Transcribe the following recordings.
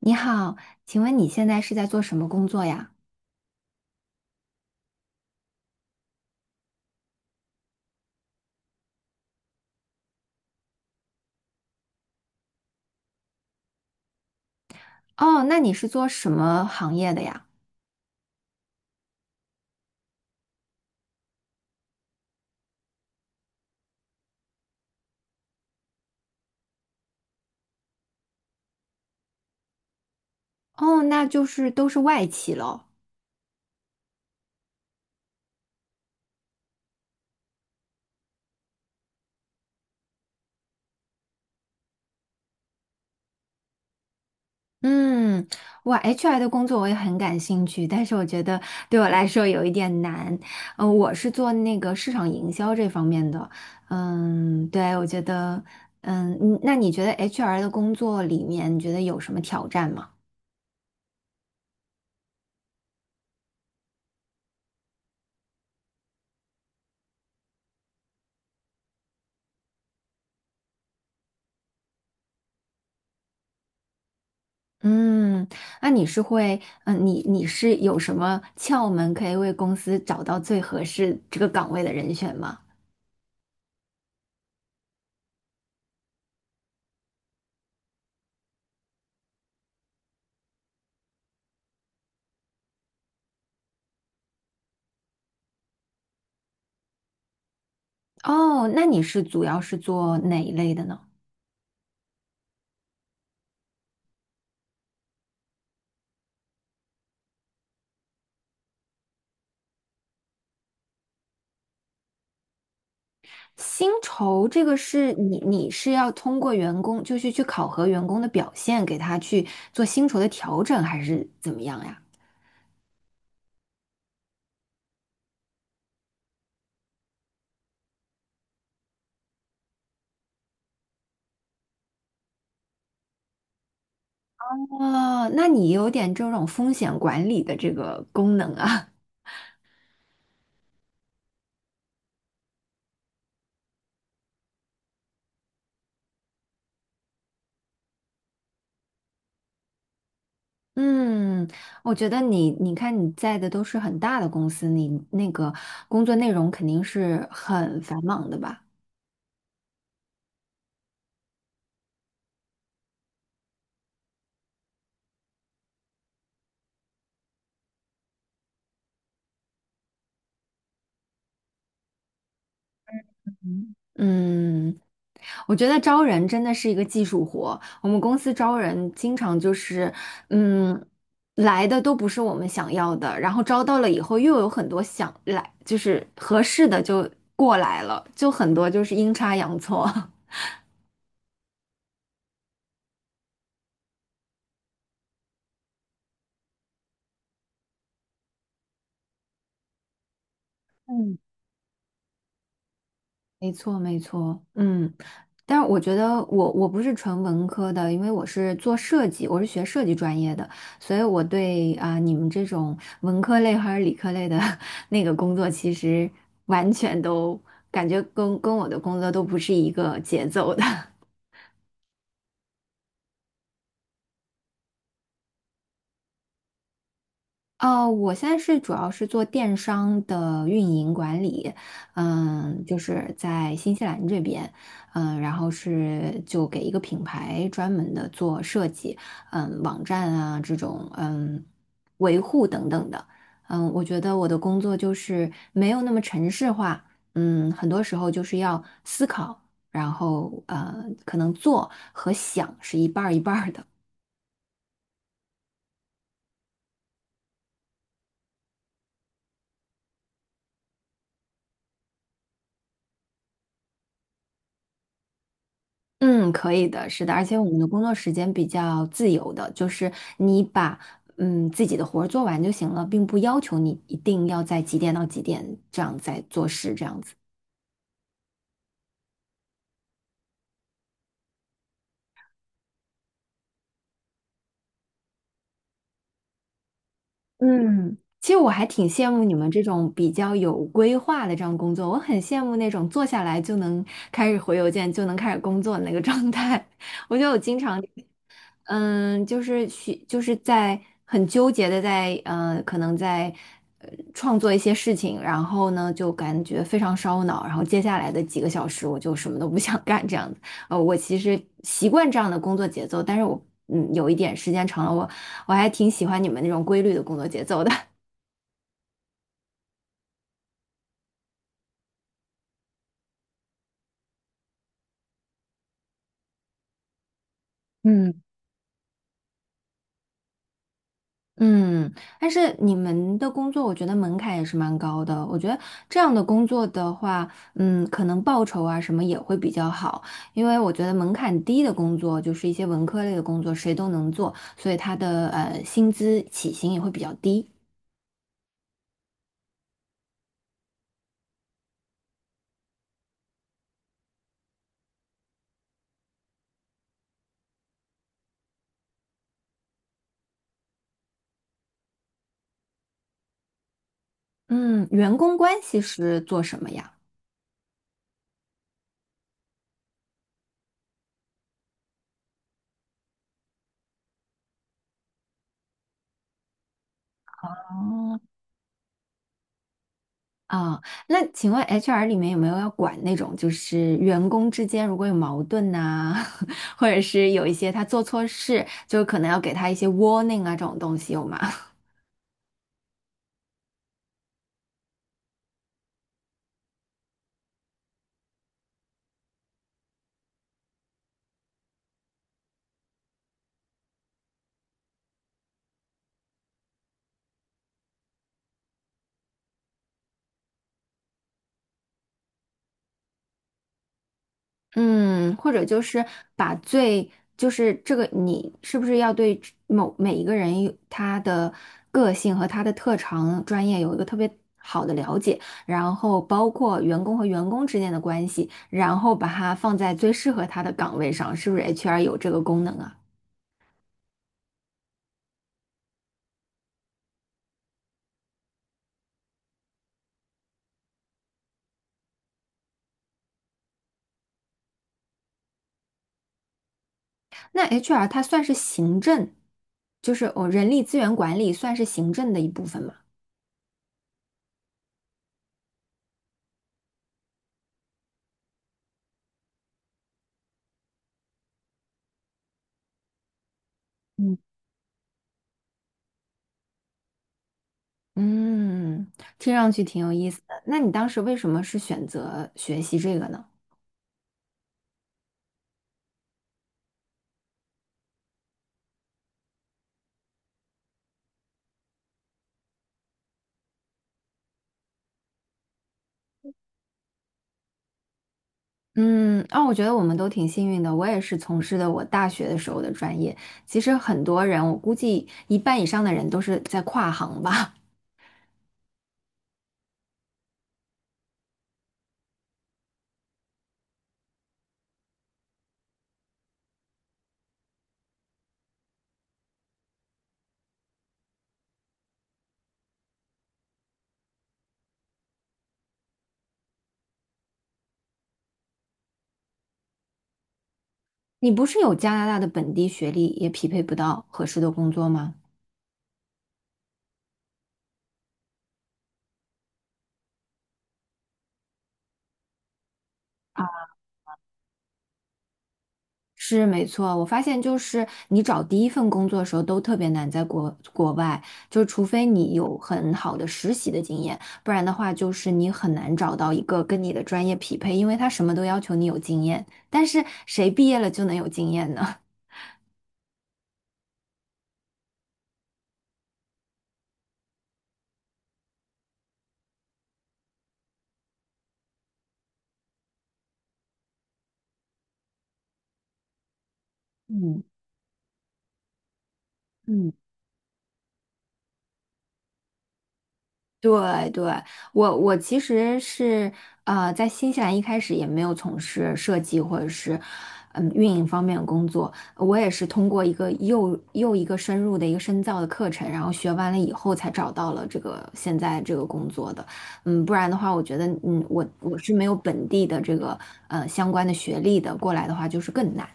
你好，请问你现在是在做什么工作呀？哦，那你是做什么行业的呀？哦，那就是都是外企咯。嗯，哇，HR 的工作我也很感兴趣，但是我觉得对我来说有一点难。我是做那个市场营销这方面的。嗯，对，我觉得，嗯，你那觉得 HR 的工作里面，你觉得有什么挑战吗？嗯，那你是会，嗯，你是有什么窍门可以为公司找到最合适这个岗位的人选吗？哦，那你主要是做哪一类的呢？薪酬这个是你是要通过员工，就是去考核员工的表现，给他去做薪酬的调整，还是怎么样呀？哦，那你有点这种风险管理的这个功能啊。嗯，我觉得你，你看你在的都是很大的公司，你那个工作内容肯定是很繁忙的吧？嗯，我觉得招人真的是一个技术活。我们公司招人经常就是，嗯，来的都不是我们想要的，然后招到了以后又有很多想来，就是合适的就过来了，就很多就是阴差阳错。嗯，没错，没错，嗯，但是我觉得我不是纯文科的，因为我是做设计，我是学设计专业的，所以我对你们这种文科类还是理科类的 那个工作，其实完全都感觉跟我的工作都不是一个节奏的。哦，我现在主要是做电商的运营管理，嗯，就是在新西兰这边，嗯，然后是就给一个品牌专门的做设计，嗯，网站啊这种，嗯，维护等等的，嗯，我觉得我的工作就是没有那么程式化，嗯，很多时候就是要思考，然后可能做和想是一半儿一半儿的。嗯，可以的，是的，而且我们的工作时间比较自由的，就是你把自己的活儿做完就行了，并不要求你一定要在几点到几点这样在做事这样子。嗯，其实我还挺羡慕你们这种比较有规划的这样工作，我很羡慕那种坐下来就能开始回邮件就能开始工作的那个状态。我觉得我经常。嗯，就是许，就是在很纠结的在，可能在呃创作一些事情，然后呢，就感觉非常烧脑，然后接下来的几个小时我就什么都不想 干这样子。我其实习惯这样的工作节奏，但是我有一点时间长了，我还挺喜欢你们那种规律的工作节奏的。嗯。嗯，但是你们的工作，我觉得门槛也是蛮高的。我觉得这样的工作的话，嗯，可能报酬啊什么也会比较好，因为我觉得门槛低的工作，就是一些文科类的工作，谁都能做，所以他的薪资起薪也会比较低。嗯，员工关系是做什么呀？哦。啊，那请问 HR 里面有没有要管那种，就是员工之间如果有矛盾呐、或者是有一些他做错事，就可能要给他一些 warning 啊这种东西有吗？嗯，或者就是把最，就是这个你是不是要对每一个人有他的个性和他的特长、专业有一个特别好的了解，然后包括员工和员工之间的关系，然后把它放在最适合他的岗位上，是不是 HR 有这个功能啊？那 HR 它算是行政，人力资源管理算是行政的一部分嘛？嗯。嗯，听上去挺有意思的。那你当时为什么是选择学习这个呢？嗯，啊，我觉得我们都挺幸运的。我也是从事的我大学的时候的专业。其实很多人，我估计一半以上的人都是在跨行吧。你不是有加拿大的本地学历，也匹配不到合适的工作吗？是没错，我发现就是你找第一份工作的时候都特别难，在国外，就除非你有很好的实习的经验，不然的话就是你很难找到一个跟你的专业匹配，因为他什么都要求你有经验，但是谁毕业了就能有经验呢？嗯嗯。对对，我其实是在新西兰一开始也没有从事设计或者是运营方面的工作，我也是通过一个又一个深入的一个深造的课程，然后学完了以后才找到了这个现在这个工作的。嗯，不然的话，我觉得我是没有本地的这个相关的学历的，过来的话就是更难。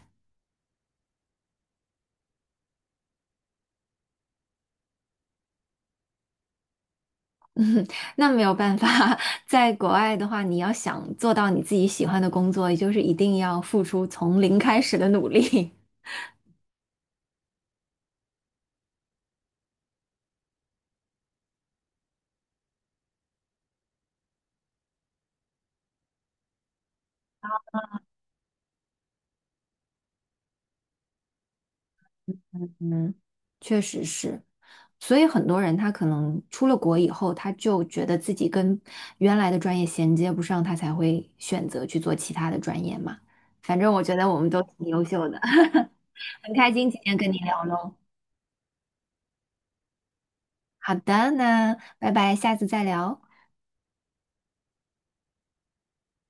那没有办法，在国外的话，你要想做到你自己喜欢的工作，也就是一定要付出从零开始的努力。嗯，确实是，所以很多人他可能出了国以后，他就觉得自己跟原来的专业衔接不上，他才会选择去做其他的专业嘛。反正我觉得我们都挺优秀的，很开心今天跟你聊喽。好的，那拜拜，下次再聊。